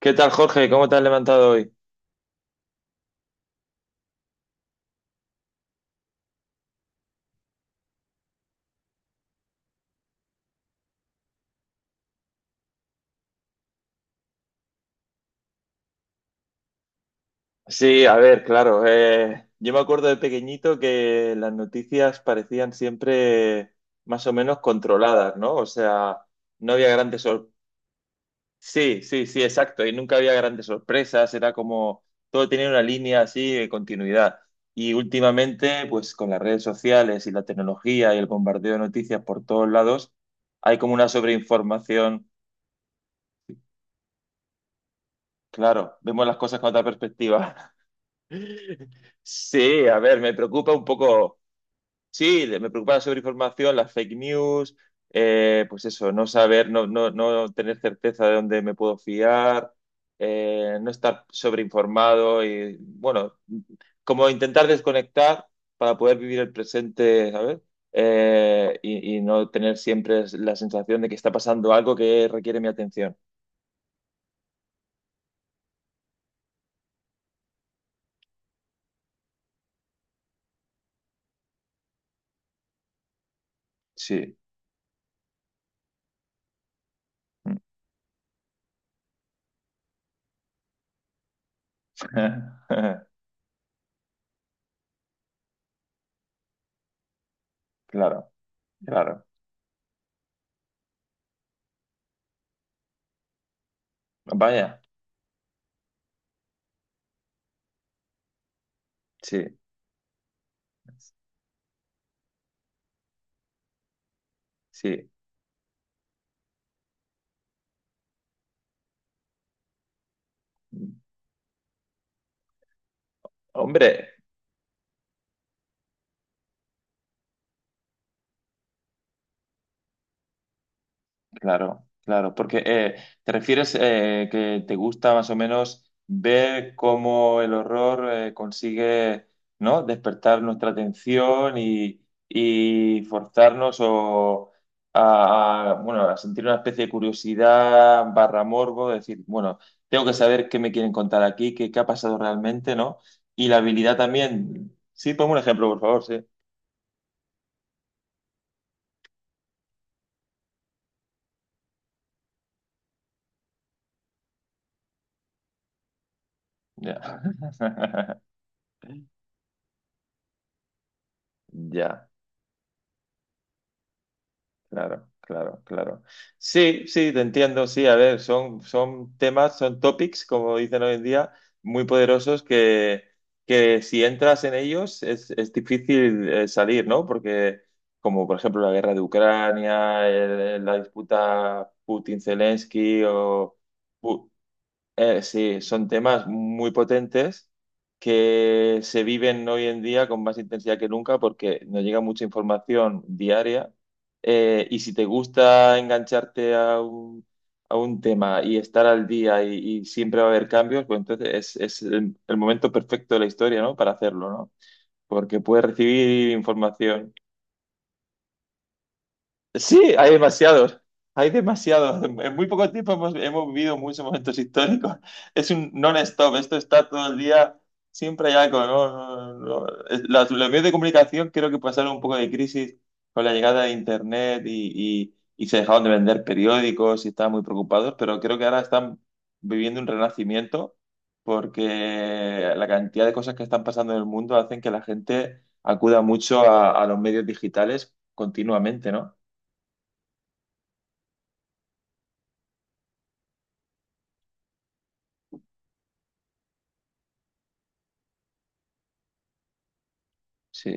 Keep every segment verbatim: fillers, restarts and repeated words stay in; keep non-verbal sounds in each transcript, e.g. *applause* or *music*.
¿Qué tal, Jorge? ¿Cómo te has levantado hoy? Sí, a ver, claro. Eh, yo me acuerdo de pequeñito que las noticias parecían siempre más o menos controladas, ¿no? O sea, no había grandes sorpresas. Sí, sí, sí, exacto. Y nunca había grandes sorpresas. Era como todo tenía una línea así de continuidad. Y últimamente, pues con las redes sociales y la tecnología y el bombardeo de noticias por todos lados, hay como una sobreinformación. Claro, vemos las cosas con otra perspectiva. *laughs* Sí, a ver, me preocupa un poco, sí, le- me preocupa la sobreinformación, las fake news, eh, pues eso, no saber, no, no, no tener certeza de dónde me puedo fiar, eh, no estar sobreinformado y, bueno, como intentar desconectar para poder vivir el presente, ¿sabes? Eh, y, y no tener siempre la sensación de que está pasando algo que requiere mi atención. Sí, *laughs* claro, claro. Vaya, sí, sí. Hombre, claro, claro, porque eh, te refieres eh, que te gusta más o menos ver cómo el horror eh, consigue, ¿no? Despertar nuestra atención y, y forzarnos o a, a, bueno, a sentir una especie de curiosidad barra morbo, de decir, bueno, tengo que saber qué me quieren contar aquí, qué, qué ha pasado realmente, ¿no? Y la habilidad también. Sí, ponme un ejemplo, por favor, sí. Ya. *laughs* Ya. Claro, claro, claro. Sí, sí, te entiendo, sí, a ver, son, son temas, son topics, como dicen hoy en día, muy poderosos que, que si entras en ellos es, es difícil eh, salir, ¿no? Porque como por ejemplo la guerra de Ucrania, el- la disputa Putin-Zelensky o, eh, sí, son temas muy potentes que se viven hoy en día con más intensidad que nunca porque nos llega mucha información diaria. Eh, y si te gusta engancharte a un, a un tema y estar al día y, y siempre va a haber cambios, pues entonces es, es el, el momento perfecto de la historia, ¿no? Para hacerlo, ¿no? Porque puedes recibir información. Sí, hay demasiados, hay demasiados. En en muy poco tiempo hemos, hemos vivido muchos momentos históricos. Es un non-stop, esto está todo el día, siempre hay algo, ¿no? No, no, no. Es- la- Los medios de comunicación creo que pasaron un poco de crisis con la llegada de Internet y, y, y se dejaron de vender periódicos y estaban muy preocupados, pero creo que ahora están viviendo un renacimiento porque la cantidad de cosas que están pasando en el mundo hacen que la gente acuda mucho a, a los medios digitales continuamente, ¿no? Sí,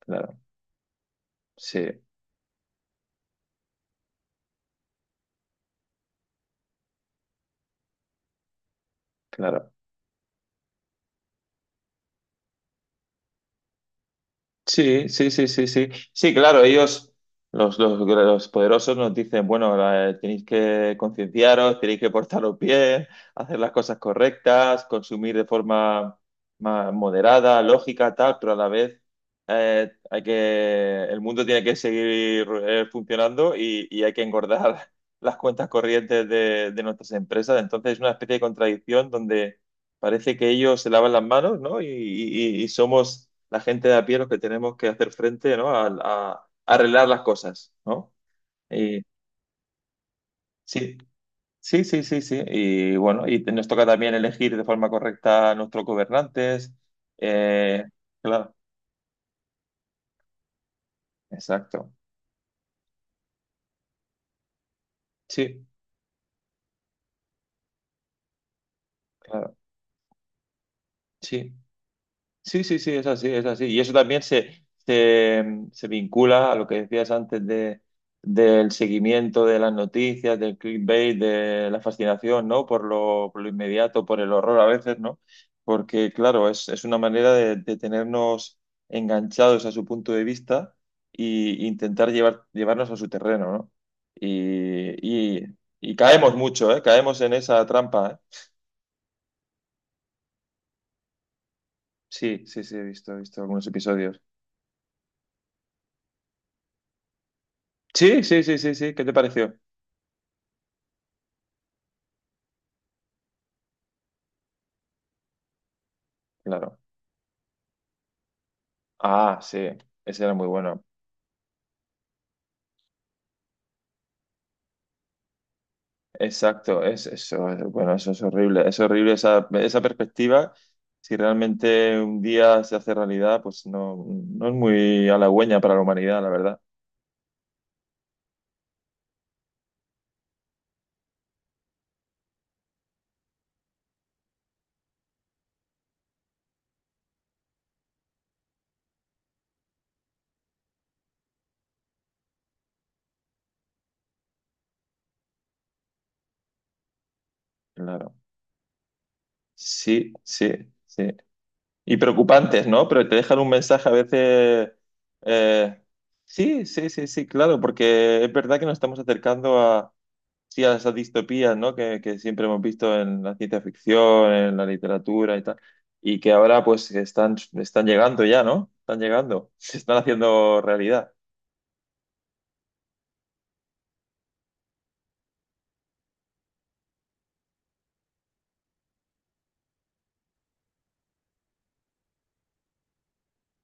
claro, sí, claro. Sí, sí, sí, sí, sí. Sí, claro, ellos, los, los, los poderosos nos dicen, bueno, la- tenéis que concienciaros, tenéis que portaros bien, hacer las cosas correctas, consumir de forma más moderada, lógica, tal, pero a la vez eh, hay que, el mundo tiene que seguir eh, funcionando y, y hay que engordar *laughs* las cuentas corrientes de, de nuestras empresas. Entonces es una especie de contradicción donde parece que ellos se lavan las manos, ¿no? Y, y- y somos la gente de a pie los que tenemos que hacer frente, ¿no? A, a- a arreglar las cosas, ¿no? Y sí, sí, sí, sí, sí. Y bueno, y nos toca también elegir de forma correcta a nuestros gobernantes. Eh, claro, exacto. Sí, claro, sí. Sí, sí, sí, es así, es así. Y eso también se, se, se vincula a lo que decías antes de, del seguimiento de las noticias, del clickbait, de la fascinación, ¿no? Por lo, por lo inmediato, por el horror a veces, ¿no? Porque, claro, es, es una manera de, de tenernos enganchados a su punto de vista e intentar llevar, llevarnos a su terreno, ¿no? Y, y, y caemos mucho, ¿eh? Caemos en esa trampa, ¿eh? Sí, sí, sí, he visto, he visto algunos episodios. Sí, sí, sí, sí, sí. ¿Qué te pareció? Claro. Ah, sí. Ese era muy bueno. Exacto. Es, eso, es- bueno, eso es horrible. Es horrible esa, esa perspectiva. Si realmente un día se hace realidad, pues no, no es muy halagüeña para la humanidad, la verdad. Claro. Sí, sí, sí. Y preocupantes, ¿no? Pero te dejan un mensaje a veces. eh, sí, sí, sí, sí, claro, porque es verdad que nos estamos acercando sí, a esas distopías, ¿no? Que, que siempre hemos visto en la ciencia ficción, en la literatura y tal, y que ahora pues están, están llegando ya, ¿no? Están llegando, *laughs* se están haciendo realidad.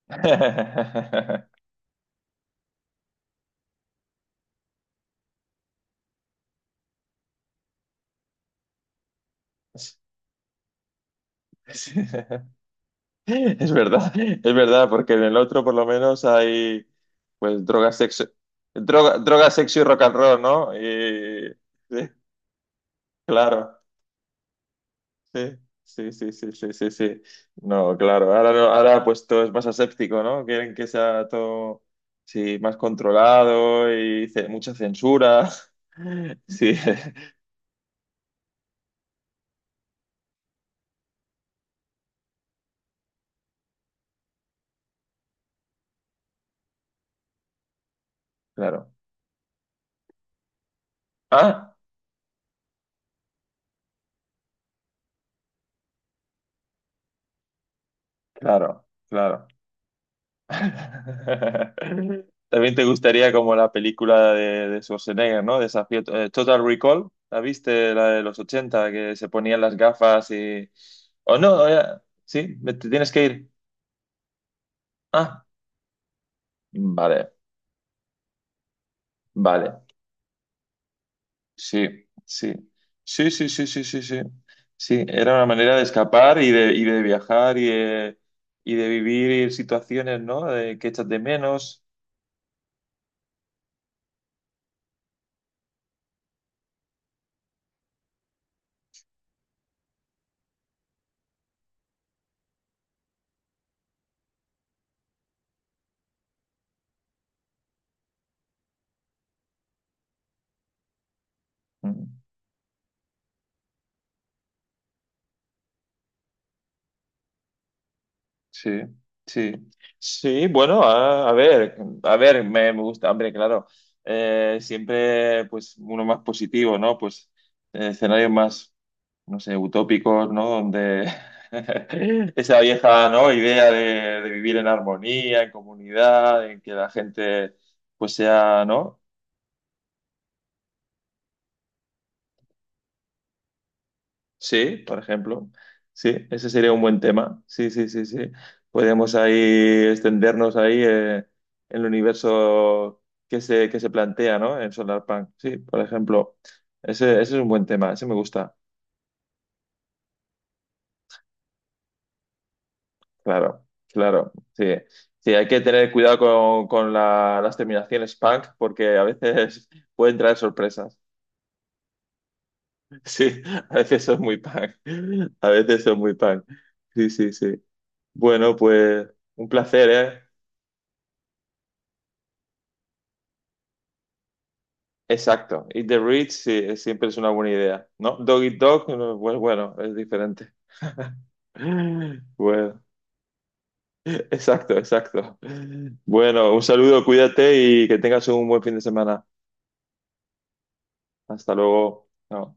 *laughs* Es verdad, es verdad, porque en el otro por lo menos hay pues droga, sexo, droga, droga, sexo y rock and roll, ¿no? Y, sí, claro. Sí, sí, sí, sí, sí, sí, sí. No, claro. Ahora, no- ahora pues todo es más aséptico, ¿no? Quieren que sea todo sí, más controlado y ce- mucha censura. *laughs* Sí, *laughs* claro. Ah, claro, claro. *laughs* También te gustaría como la película de, de Schwarzenegger, ¿no? Desafío, eh, Total Recall. ¿La viste? La de los ochenta que se ponían las gafas y... O no, eh, sí, me- te tienes que ir. Ah, vale. Vale. Sí, sí, sí, sí, sí, sí, sí, sí. Sí, era una manera de escapar y de, y de viajar y de, y de vivir situaciones, ¿no? De que echas de menos. Mm. Sí, sí, sí, bueno, a, a ver, a ver, me, me gusta, hombre, claro, eh, siempre, pues, uno más positivo, ¿no? Pues, eh, escenarios más, no sé, utópicos, ¿no? Donde *laughs* esa vieja, ¿no? Idea de, de vivir en armonía, en comunidad, en que la gente, pues, sea, ¿no? Sí, por ejemplo. Sí, ese sería un buen tema. Sí, sí, sí, sí. Podemos ahí extendernos ahí eh, en el universo que se, que se plantea, ¿no? En Solarpunk. Sí, por ejemplo. Ese, ese es un buen tema. Ese me gusta. Claro, claro. Sí, sí, hay que tener cuidado con, con la- las terminaciones punk porque a veces *laughs* pueden traer sorpresas. *laughs* Sí, a veces son muy punk. A veces son muy punk. Sí, sí, sí. Bueno, pues un placer, ¿eh? Exacto. Eat the Rich sí, siempre es una buena idea, ¿no? Dog Eat Dog, no, pues bueno, es diferente. *laughs* Bueno, exacto, exacto. Bueno, un saludo, cuídate y que tengas un buen fin de semana. Hasta luego. Chao.